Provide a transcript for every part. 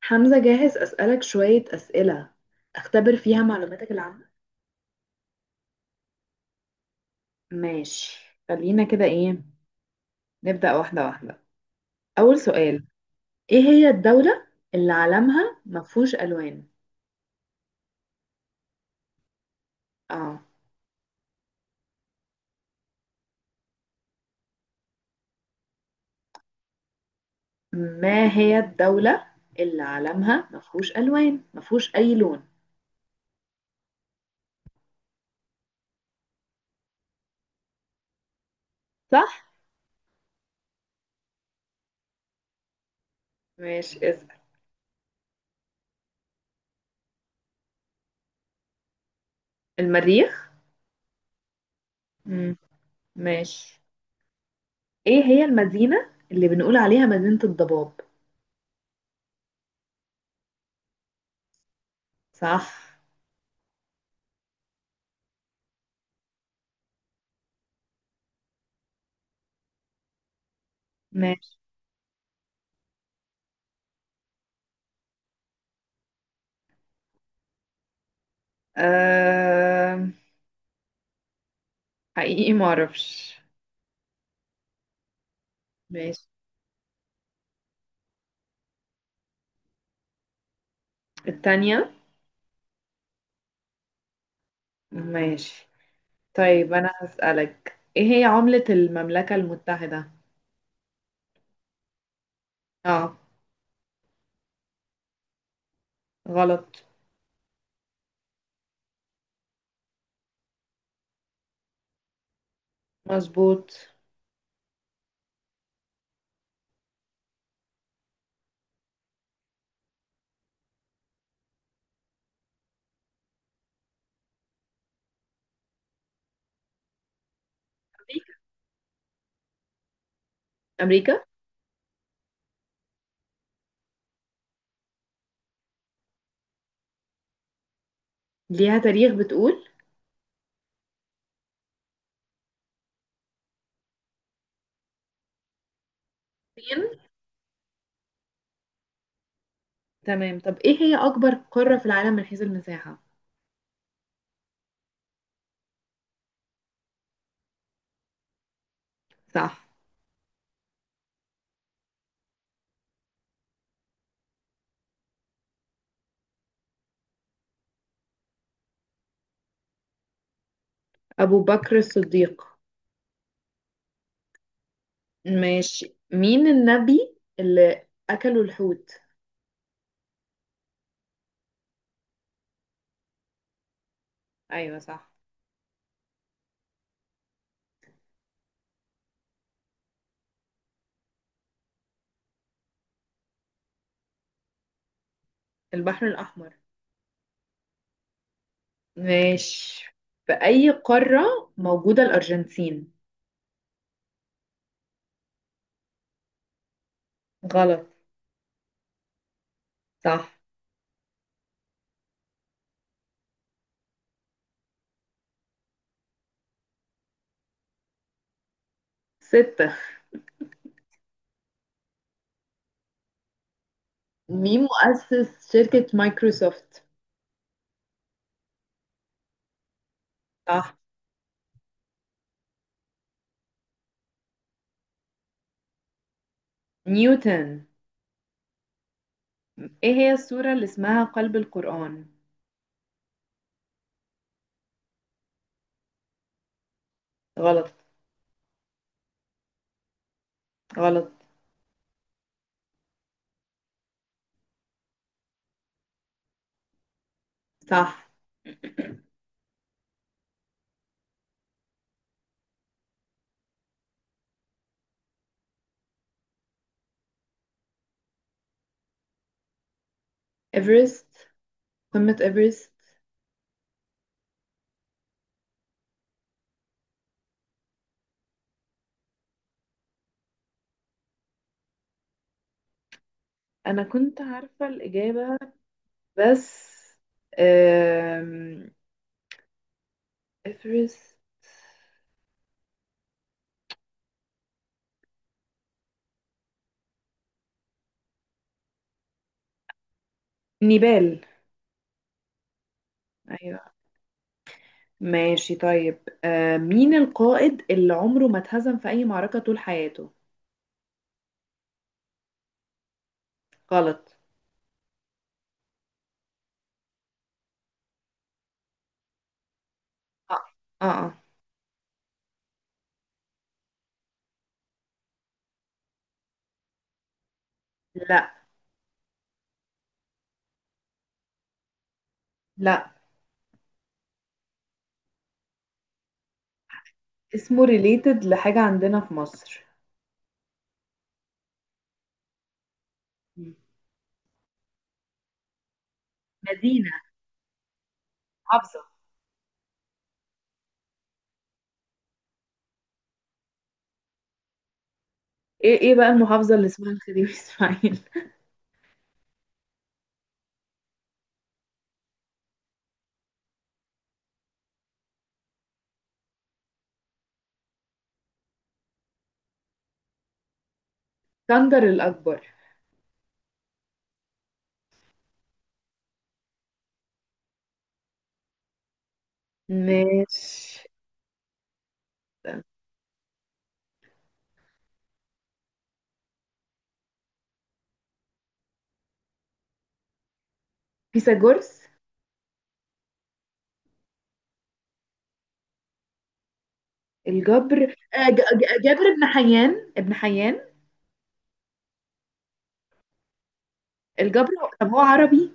حمزة، جاهز أسألك شوية أسئلة أختبر فيها معلوماتك العامة؟ ماشي. خلينا كده، نبدأ واحدة واحدة. أول سؤال، إيه هي الدولة اللي علمها مفهوش ألوان؟ آه، ما هي الدولة اللي علمها مفهوش ألوان، مفهوش أي لون، صح؟ ماشي اسأل. المريخ؟ مم. ماشي. إيه هي المدينة اللي بنقول عليها مدينة الضباب؟ صح. ماشي. أه... حقيقي معرفش. ماشي. التانية. ماشي طيب، أنا هسألك، إيه هي عملة المملكة المتحدة؟ آه، غلط. مظبوط. أمريكا. ليها تاريخ بتقول. الصين. تمام، طب إيه هي أكبر قارة في العالم من حيث المساحة؟ صح. أبو بكر الصديق. ماشي، مين النبي اللي أكلوا الحوت؟ أيوة صح. البحر الأحمر. ماشي، في أي قارة موجودة الأرجنتين؟ غلط. صح. ستة. مين مؤسس شركة مايكروسوفت؟ صح. نيوتن. ايه هي السورة اللي اسمها قلب القرآن؟ غلط. غلط. صح. ايفرست، قمة ايفرست. انا كنت عارفة الإجابة، بس أم... ايفرست. نيبال. ايوه، ماشي طيب. مين القائد اللي عمره ما اتهزم في اي معركة طول حياته؟ غلط. اه. اه آه. لا. لا. اسمه ريليتد لحاجة عندنا في مصر. مم. مدينة. محافظة. ايه ايه بقى المحافظة اللي اسمها الخديوي اسماعيل؟ اسكندر الأكبر. ماشي. فيثاغورس. الجبر، جابر بن حيان، ابن حيان. الجبر. طب هو عربي؟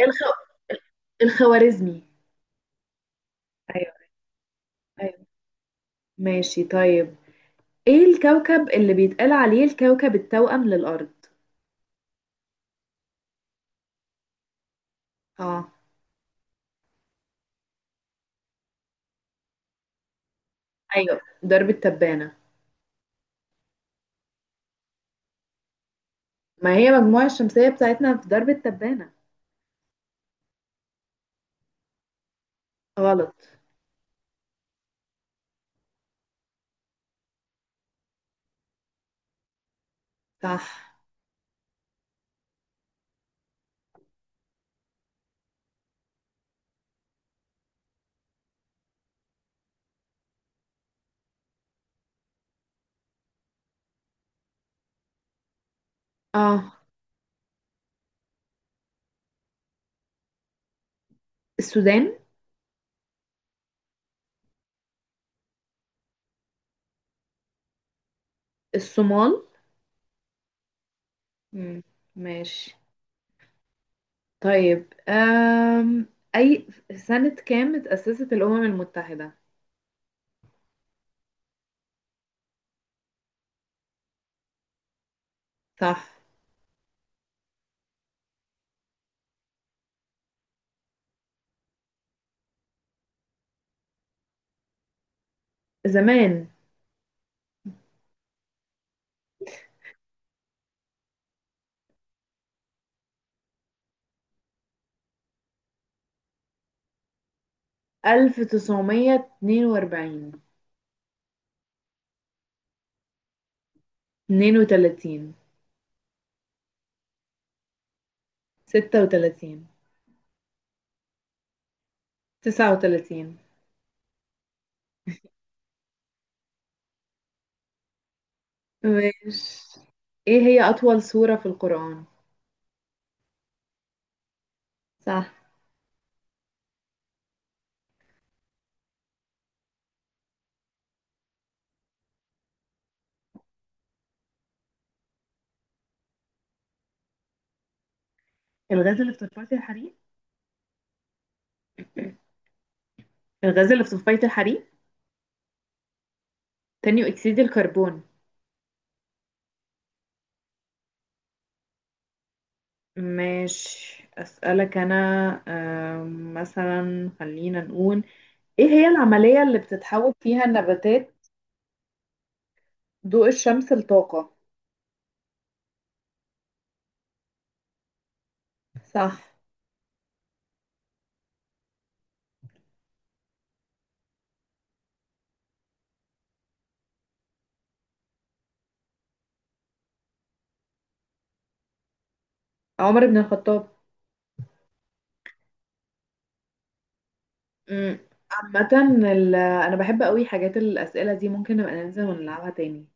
الخ... الخوارزمي. ايوه. ايوه. ماشي طيب، ايه الكوكب اللي بيتقال عليه الكوكب التوأم للأرض؟ اه. ايوه درب التبانة. ما هي المجموعة الشمسية بتاعتنا في درب التبانة. غلط. صح. اه، السودان. الصومال. مم. ماشي طيب، أي سنة كام اتأسست الأمم المتحدة؟ صح. زمان. 1942. 32. 36. 39. ماشي، ايه هي أطول سورة في القرآن؟ صح. الغاز اللي في تصفية الحريق، الغاز اللي في تصفية الحريق، ثاني أكسيد الكربون. ماشي أسألك أنا، أم، مثلا خلينا نقول ايه هي العملية اللي بتتحول فيها النباتات ضوء الشمس لطاقة؟ صح. عمر بن الخطاب. امم. عامة، انا بحب قوي حاجات الأسئلة دي، ممكن نبقى ننزل ونلعبها تاني.